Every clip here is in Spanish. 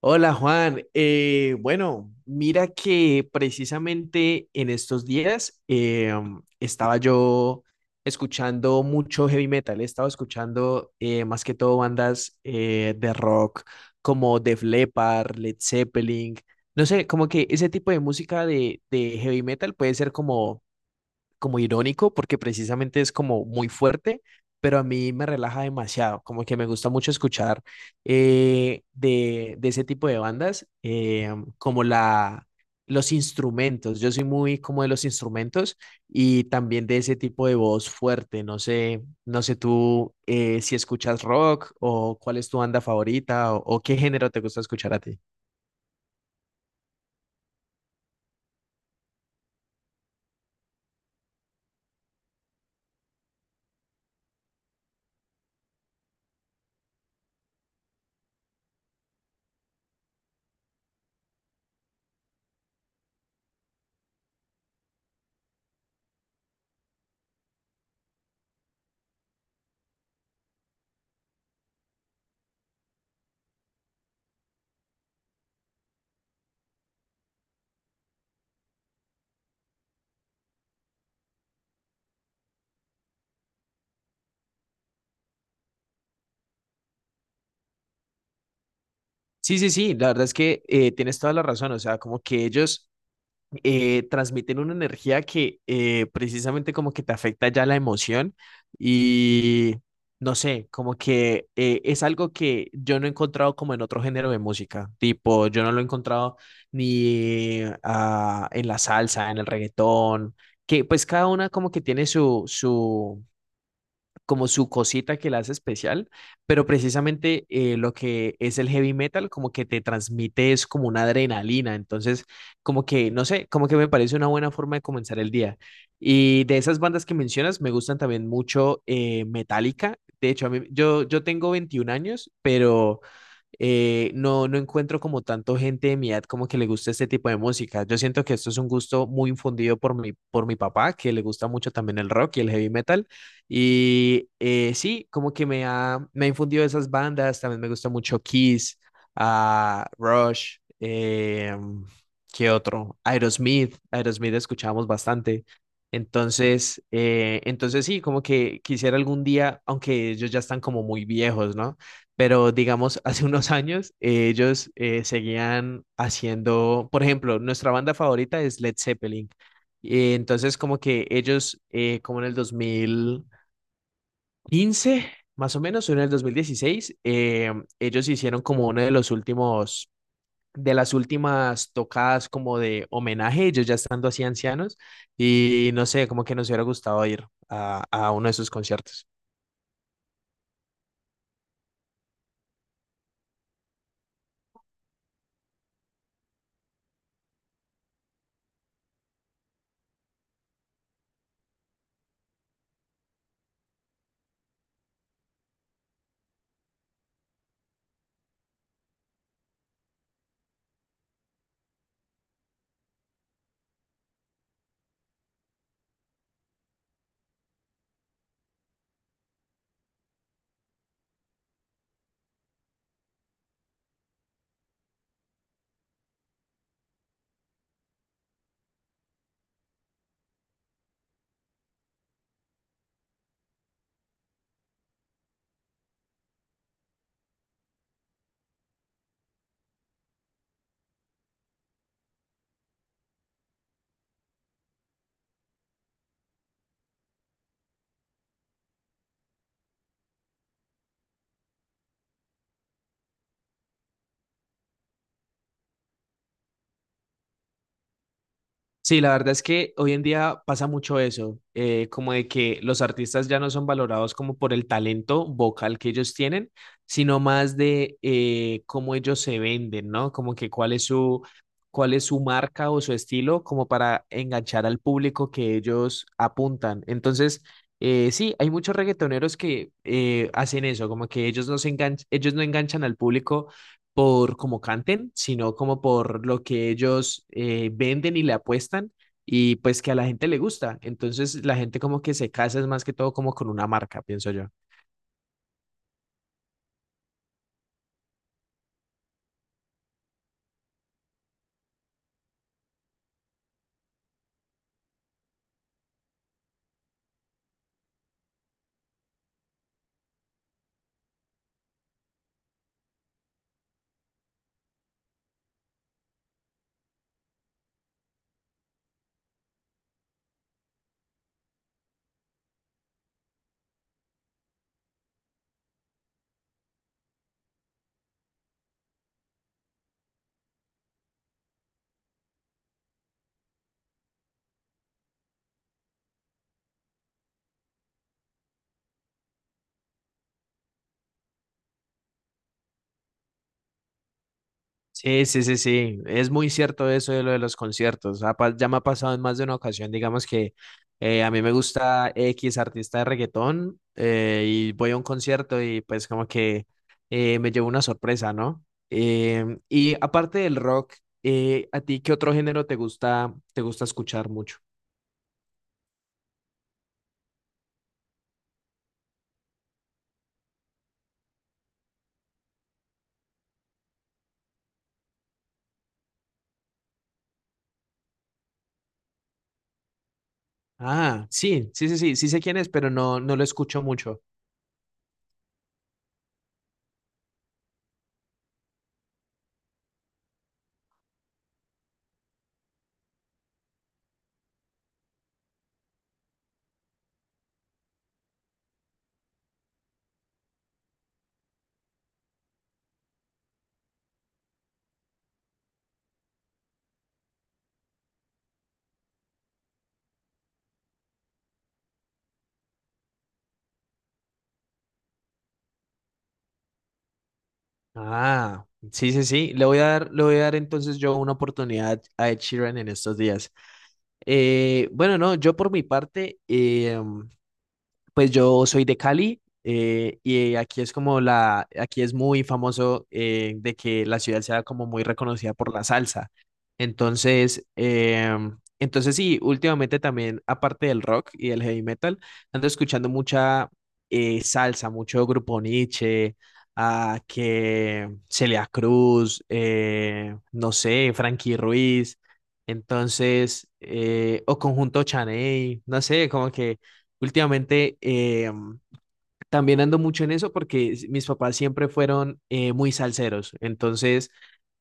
Hola Juan, bueno, mira que precisamente en estos días estaba yo escuchando mucho heavy metal, estaba escuchando más que todo bandas de rock como Def Leppard, Led Zeppelin, no sé, como que ese tipo de música de heavy metal puede ser como irónico porque precisamente es como muy fuerte, pero a mí me relaja demasiado, como que me gusta mucho escuchar de ese tipo de bandas, como la, los instrumentos, yo soy muy como de los instrumentos y también de ese tipo de voz fuerte, no sé, no sé tú si escuchas rock o cuál es tu banda favorita o qué género te gusta escuchar a ti. Sí, sí, sí, la verdad es que tienes toda la razón. O sea, como que ellos transmiten una energía que precisamente como que te afecta ya la emoción y no sé, como que es algo que yo no he encontrado como en otro género de música, tipo, yo no lo he encontrado ni en la salsa, en el reggaetón, que pues cada una como que tiene como su cosita que la hace especial, pero precisamente lo que es el heavy metal como que te transmite es como una adrenalina. Entonces, como que, no sé, como que me parece una buena forma de comenzar el día. Y de esas bandas que mencionas, me gustan también mucho Metallica. De hecho, yo tengo 21 años, pero no encuentro como tanto gente de mi edad como que le gusta este tipo de música. Yo siento que esto es un gusto muy infundido por por mi papá, que le gusta mucho también el rock y el heavy metal. Y sí, como que me ha infundido esas bandas. También me gusta mucho Kiss, ah, Rush, ¿qué otro? Aerosmith. Aerosmith escuchábamos bastante. Entonces sí, como que quisiera algún día, aunque ellos ya están como muy viejos, ¿no? Pero digamos, hace unos años ellos seguían haciendo, por ejemplo, nuestra banda favorita es Led Zeppelin. Y entonces, como que ellos, como en el 2015 más o menos, o en el 2016, ellos hicieron como uno de las últimas tocadas como de homenaje, ellos ya estando así ancianos, y no sé, como que nos hubiera gustado ir a uno de sus conciertos. Sí, la verdad es que hoy en día pasa mucho eso, como de que los artistas ya no son valorados como por el talento vocal que ellos tienen, sino más de cómo ellos se venden, ¿no? Como que cuál es cuál es su marca o su estilo como para enganchar al público que ellos apuntan. Entonces, sí, hay muchos reggaetoneros que hacen eso, como que ellos no enganchan al público por cómo canten, sino como por lo que ellos venden y le apuestan y pues que a la gente le gusta. Entonces la gente como que se casa es más que todo como con una marca, pienso yo. Sí, sí, sí, sí. Es muy cierto eso de lo de los conciertos. Ya me ha pasado en más de una ocasión. Digamos que a mí me gusta X artista de reggaetón y voy a un concierto y pues como que me llevo una sorpresa, ¿no? Y aparte del rock, ¿a ti qué otro género te gusta escuchar mucho? Ah, sí, sí, sí, sí, sí sé quién es, pero no, no lo escucho mucho. Ah, sí, sí, sí. Le voy a dar, le voy a dar entonces yo una oportunidad a Ed Sheeran en estos días. Bueno, no, yo por mi parte, pues yo soy de Cali y aquí es como aquí es muy famoso de que la ciudad sea como muy reconocida por la salsa. Entonces sí, últimamente también, aparte del rock y del heavy metal, ando escuchando mucha salsa, mucho Grupo Niche, a que Celia Cruz, no sé, Frankie Ruiz, entonces, o Conjunto Chaney, no sé, como que últimamente también ando mucho en eso porque mis papás siempre fueron muy salseros. Entonces,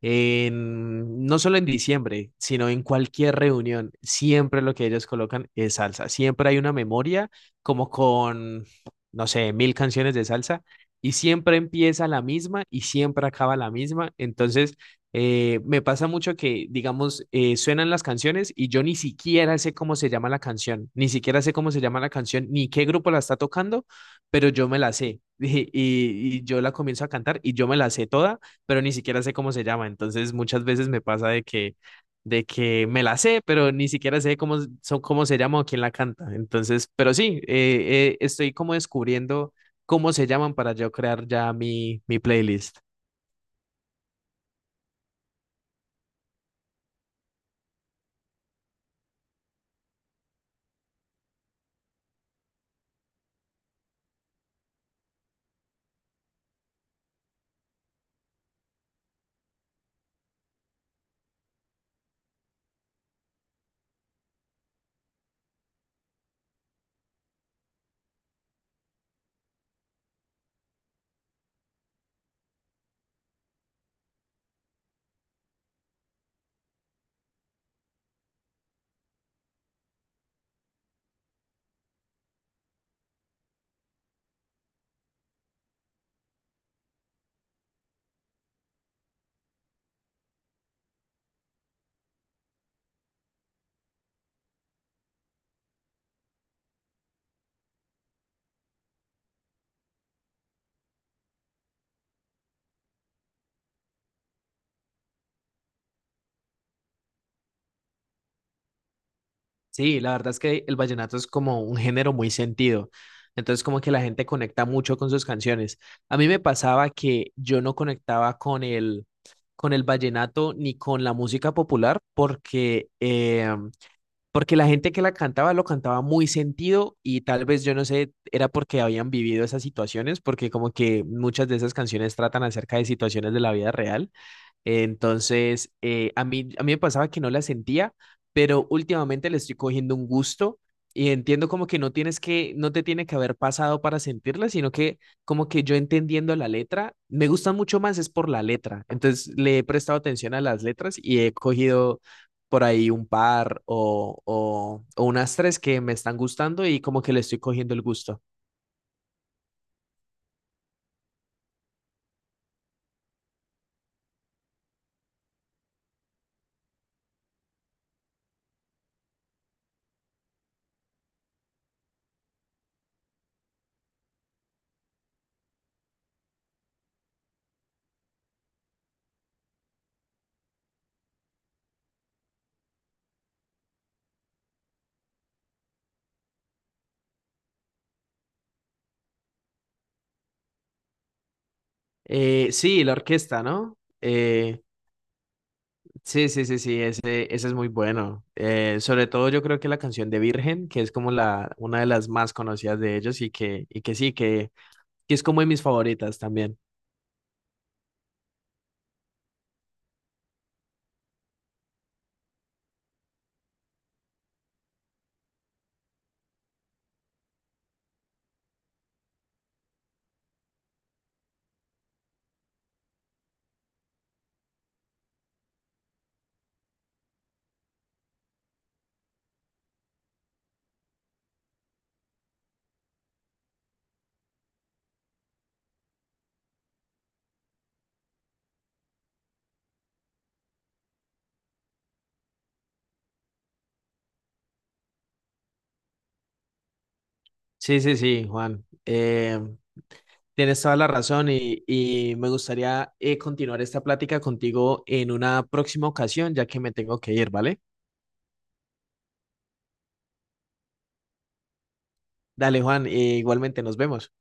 no solo en diciembre, sino en cualquier reunión, siempre lo que ellos colocan es salsa. Siempre hay una memoria como con, no sé, mil canciones de salsa y siempre empieza la misma y siempre acaba la misma. Entonces, me pasa mucho que, digamos, suenan las canciones y yo ni siquiera sé cómo se llama la canción, ni siquiera sé cómo se llama la canción, ni qué grupo la está tocando, pero yo me la sé. Y yo la comienzo a cantar y yo me la sé toda, pero ni siquiera sé cómo se llama. Entonces muchas veces me pasa de que me la sé, pero ni siquiera sé cómo se llama o quién la canta. Entonces, pero sí, estoy como descubriendo cómo se llaman para yo crear ya mi playlist. Sí, la verdad es que el vallenato es como un género muy sentido. Entonces, como que la gente conecta mucho con sus canciones. A mí me pasaba que yo no conectaba con el vallenato ni con la música popular porque la gente que la cantaba lo cantaba muy sentido y tal vez yo no sé, era porque habían vivido esas situaciones, porque como que muchas de esas canciones tratan acerca de situaciones de la vida real. Entonces, a mí me pasaba que no la sentía, pero últimamente le estoy cogiendo un gusto y entiendo como que no te tiene que haber pasado para sentirla, sino que como que yo entendiendo la letra, me gusta mucho más es por la letra. Entonces, le he prestado atención a las letras y he cogido por ahí un par o unas tres que me están gustando y como que le estoy cogiendo el gusto. Sí, la orquesta, ¿no? Sí, sí, sí, sí, ese es muy bueno. Sobre todo yo creo que la canción de Virgen, que es como una de las más conocidas de ellos y que sí, que es como de mis favoritas también. Sí, sí, sí, Juan. Tienes toda la razón y me gustaría continuar esta plática contigo en una próxima ocasión, ya que me tengo que ir, ¿vale? Dale, Juan, igualmente nos vemos.